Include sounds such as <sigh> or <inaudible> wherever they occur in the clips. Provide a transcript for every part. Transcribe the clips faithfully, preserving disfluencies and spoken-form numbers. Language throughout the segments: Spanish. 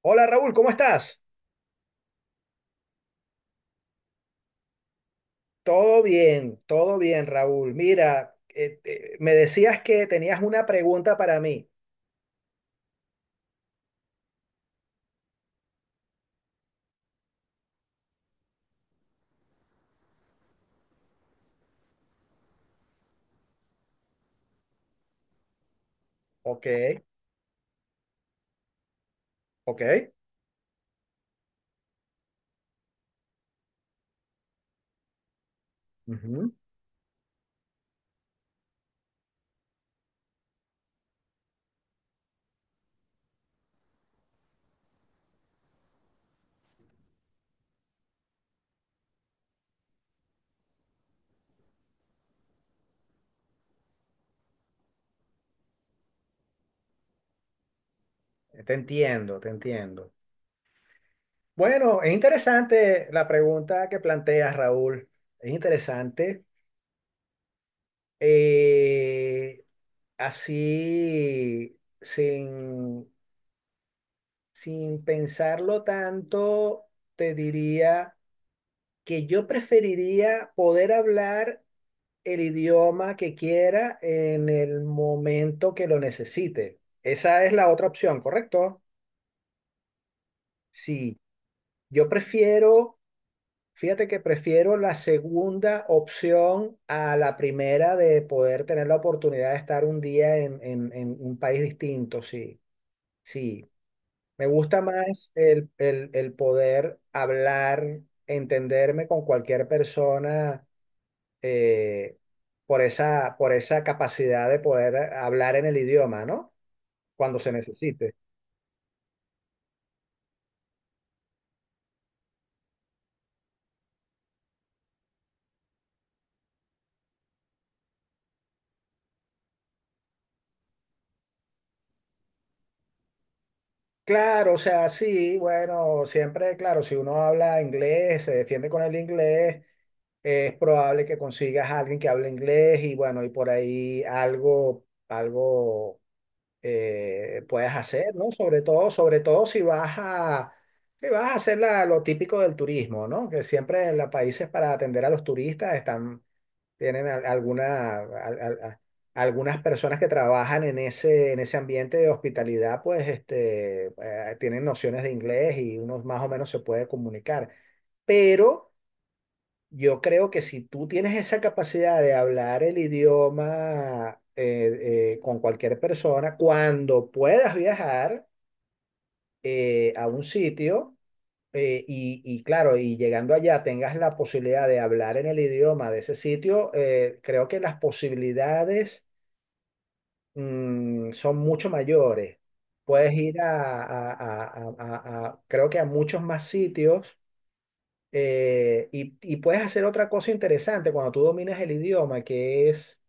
Hola Raúl, ¿cómo estás? Todo bien, todo bien, Raúl. Mira, eh, eh, me decías que tenías una pregunta para mí. Ok, ok. Ujú. Te entiendo, te entiendo. Bueno, es interesante la pregunta que planteas, Raúl. Es interesante. Eh, así, sin, sin pensarlo tanto, te diría que yo preferiría poder hablar. el idioma que quiera en el momento que lo necesite. Esa es la otra opción, ¿correcto? Sí, yo prefiero, fíjate que prefiero la segunda opción a la primera de poder tener la oportunidad de estar un día en, en- en un país distinto, sí, sí. Me gusta más el, el el poder hablar, entenderme con cualquier persona eh, por esa, por esa capacidad de poder hablar en el idioma, ¿no? Cuando se necesite. Claro, o sea, sí, bueno, siempre, claro, si uno habla inglés, se defiende con el inglés, es probable que consigas a alguien que hable inglés y bueno, y por ahí algo, algo eh, puedas hacer, ¿no? Sobre todo, sobre todo si vas a, si vas a hacer la- lo típico del turismo, ¿no? Que siempre en los países para atender a los turistas están tienen al- alguna, al- al- a- algunas personas que trabajan en ese, en ese ambiente de hospitalidad, pues este, eh, tienen nociones de inglés y uno más o menos se puede comunicar. Pero yo creo que si tú tienes esa capacidad de hablar el idioma eh, eh, con cualquier persona, cuando puedas viajar eh, a un sitio, eh, y, y claro, y llegando allá tengas la posibilidad de hablar en el idioma de ese sitio, eh, creo que las posibilidades mm, son mucho mayores. Puedes ir a, a- a- a- a- a- creo que a muchos más sitios eh, y, y puedes hacer otra cosa interesante cuando tú dominas el idioma, que es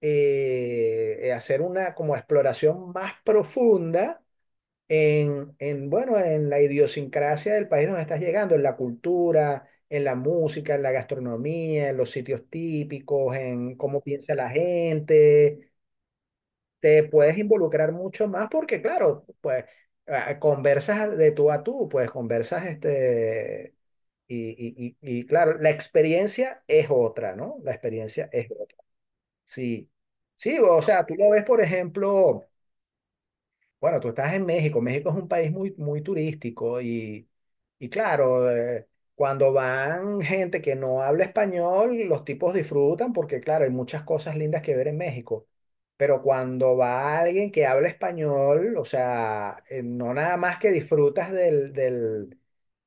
eh, eh, hacer una como exploración más profunda en, en, bueno, en la idiosincrasia del país donde estás llegando, en la cultura, en la música, en la gastronomía, en los sitios típicos, en cómo piensa la gente. Te puedes involucrar mucho más porque, claro, pues ah, conversas de tú a tú, pues conversas este... Y, y, y, y, claro, la experiencia es otra, ¿no? La experiencia es otra. Sí, sí, o sea, tú lo ves, por ejemplo. Bueno, tú estás en México. México es un país muy, muy turístico y, y claro, eh, cuando van gente que no habla español, los tipos disfrutan porque, claro, hay muchas cosas lindas que ver en México. Pero cuando va alguien que habla español, o sea, eh, no nada más que disfrutas del, del-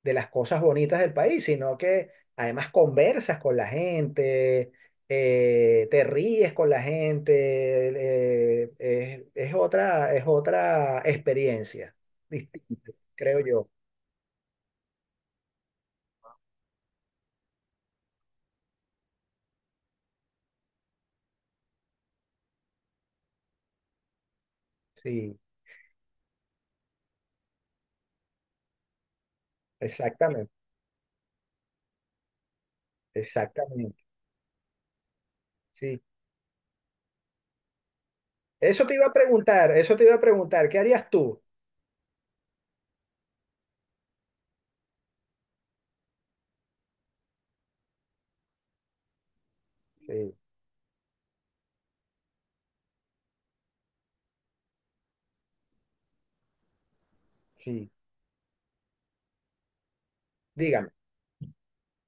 de las cosas bonitas del país, sino que además conversas con la gente, eh, te ríes con la gente, eh, es, es otra, es otra experiencia distinta, creo yo. Sí, exactamente, exactamente. Sí. Eso te iba a preguntar, eso te iba a preguntar, ¿qué harías tú? Sí, sí. Dígame,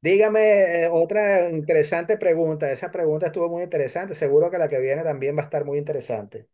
dígame eh, otra interesante pregunta. Esa pregunta estuvo muy interesante, seguro que la que viene también va a estar muy interesante.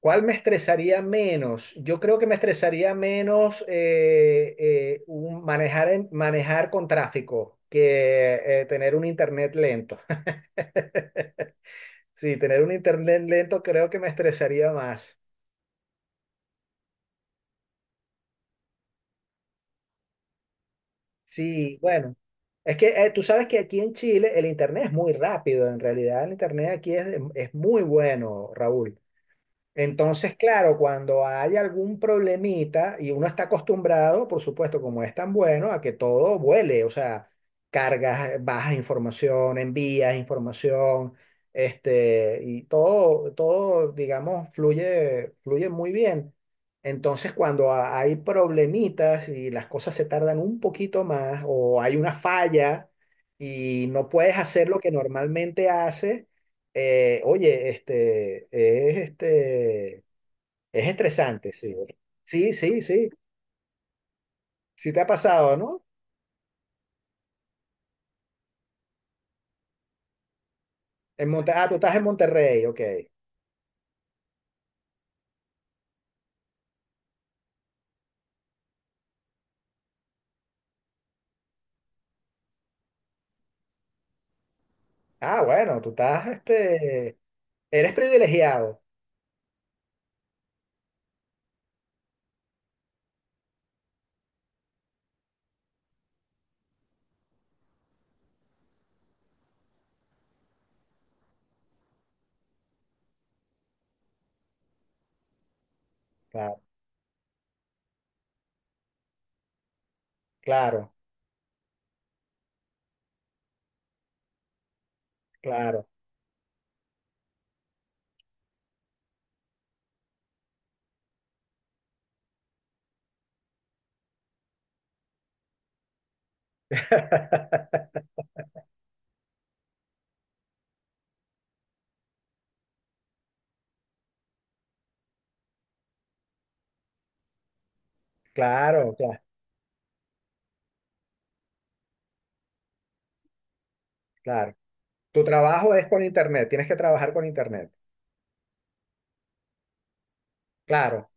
¿Cuál me estresaría menos? Yo creo que me estresaría menos eh, eh, un- manejar, en- manejar con tráfico que eh, tener un internet lento. <laughs> Sí, tener un internet lento creo que me estresaría más. Sí, bueno. Es que eh, tú sabes que aquí en Chile el internet es muy rápido. En realidad el internet aquí es, es muy bueno, Raúl. Entonces, claro, cuando hay algún problemita y uno está acostumbrado, por supuesto, como es tan bueno, a que todo vuele, o sea, cargas, eh, bajas información, envías información, este, y todo, todo, digamos, fluye, fluye muy bien. Entonces, cuando ha- hay problemitas y las cosas se tardan un poquito más o hay una falla y no puedes hacer lo que normalmente haces, eh, oye, este, es, este, es estresante, sí. Sí, sí, sí. Sí te ha pasado, ¿no? En Monte- ah, tú estás en Monterrey, ok. Ah, bueno, tú estás, este, eres privilegiado. Claro, claro, claro. <laughs> Claro, claro, claro. Tu trabajo es con internet, tienes que trabajar con internet. Claro.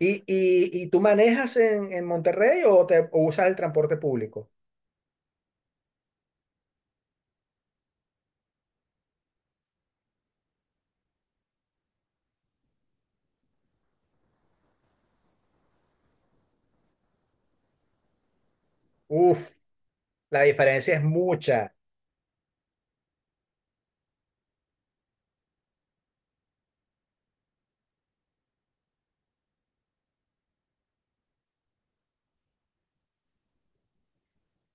¿Y, y, y tú manejas en, en Monterrey o, te, o usas el transporte público? Uf, la diferencia es mucha.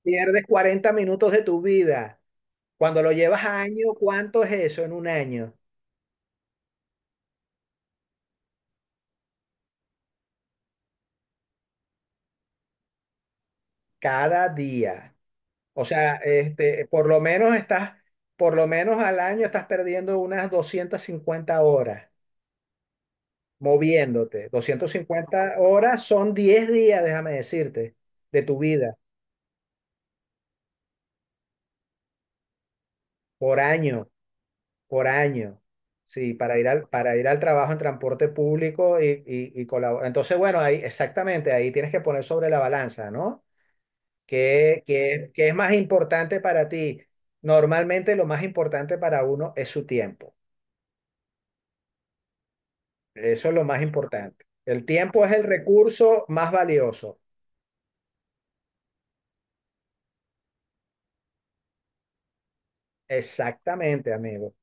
Pierdes cuarenta minutos de tu vida. Cuando lo llevas a año, ¿cuánto es eso en un año? Cada día. O sea, este, por lo menos estás, por lo menos al año estás perdiendo unas doscientas cincuenta horas moviéndote. Doscientas cincuenta horas son diez días, déjame decirte, de tu vida, por año, por año. Sí, para ir al, para ir al trabajo en transporte público y, y, y colaborar. Entonces, bueno, ahí exactamente, ahí tienes que poner sobre la balanza, ¿no? ¿Qué, qué- qué es más importante para ti? Normalmente lo más importante para uno es su tiempo. Eso es lo más importante. El tiempo es el recurso más valioso. Exactamente, amigo.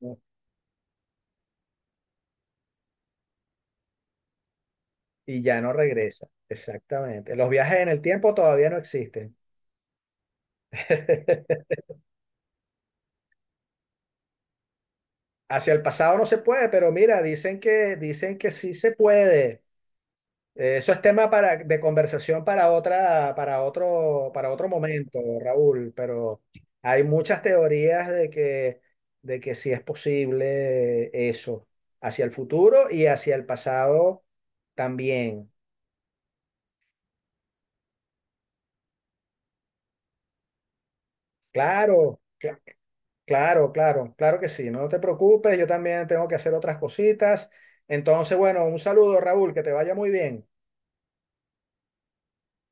Y ya no regresa. Exactamente. Los viajes en el tiempo todavía no existen. <laughs> Hacia el pasado no se puede, pero mira, dicen que, dicen que sí se puede. Eh, Eso es tema para, de conversación para otra, para otro, para otro momento, Raúl, pero hay muchas teorías de que, de que sí es posible eso, hacia el futuro y hacia el pasado también. Claro, cl- claro, claro, claro que sí, no te preocupes, yo también tengo que hacer otras cositas. Entonces, bueno, un saludo, Raúl, que te vaya muy bien.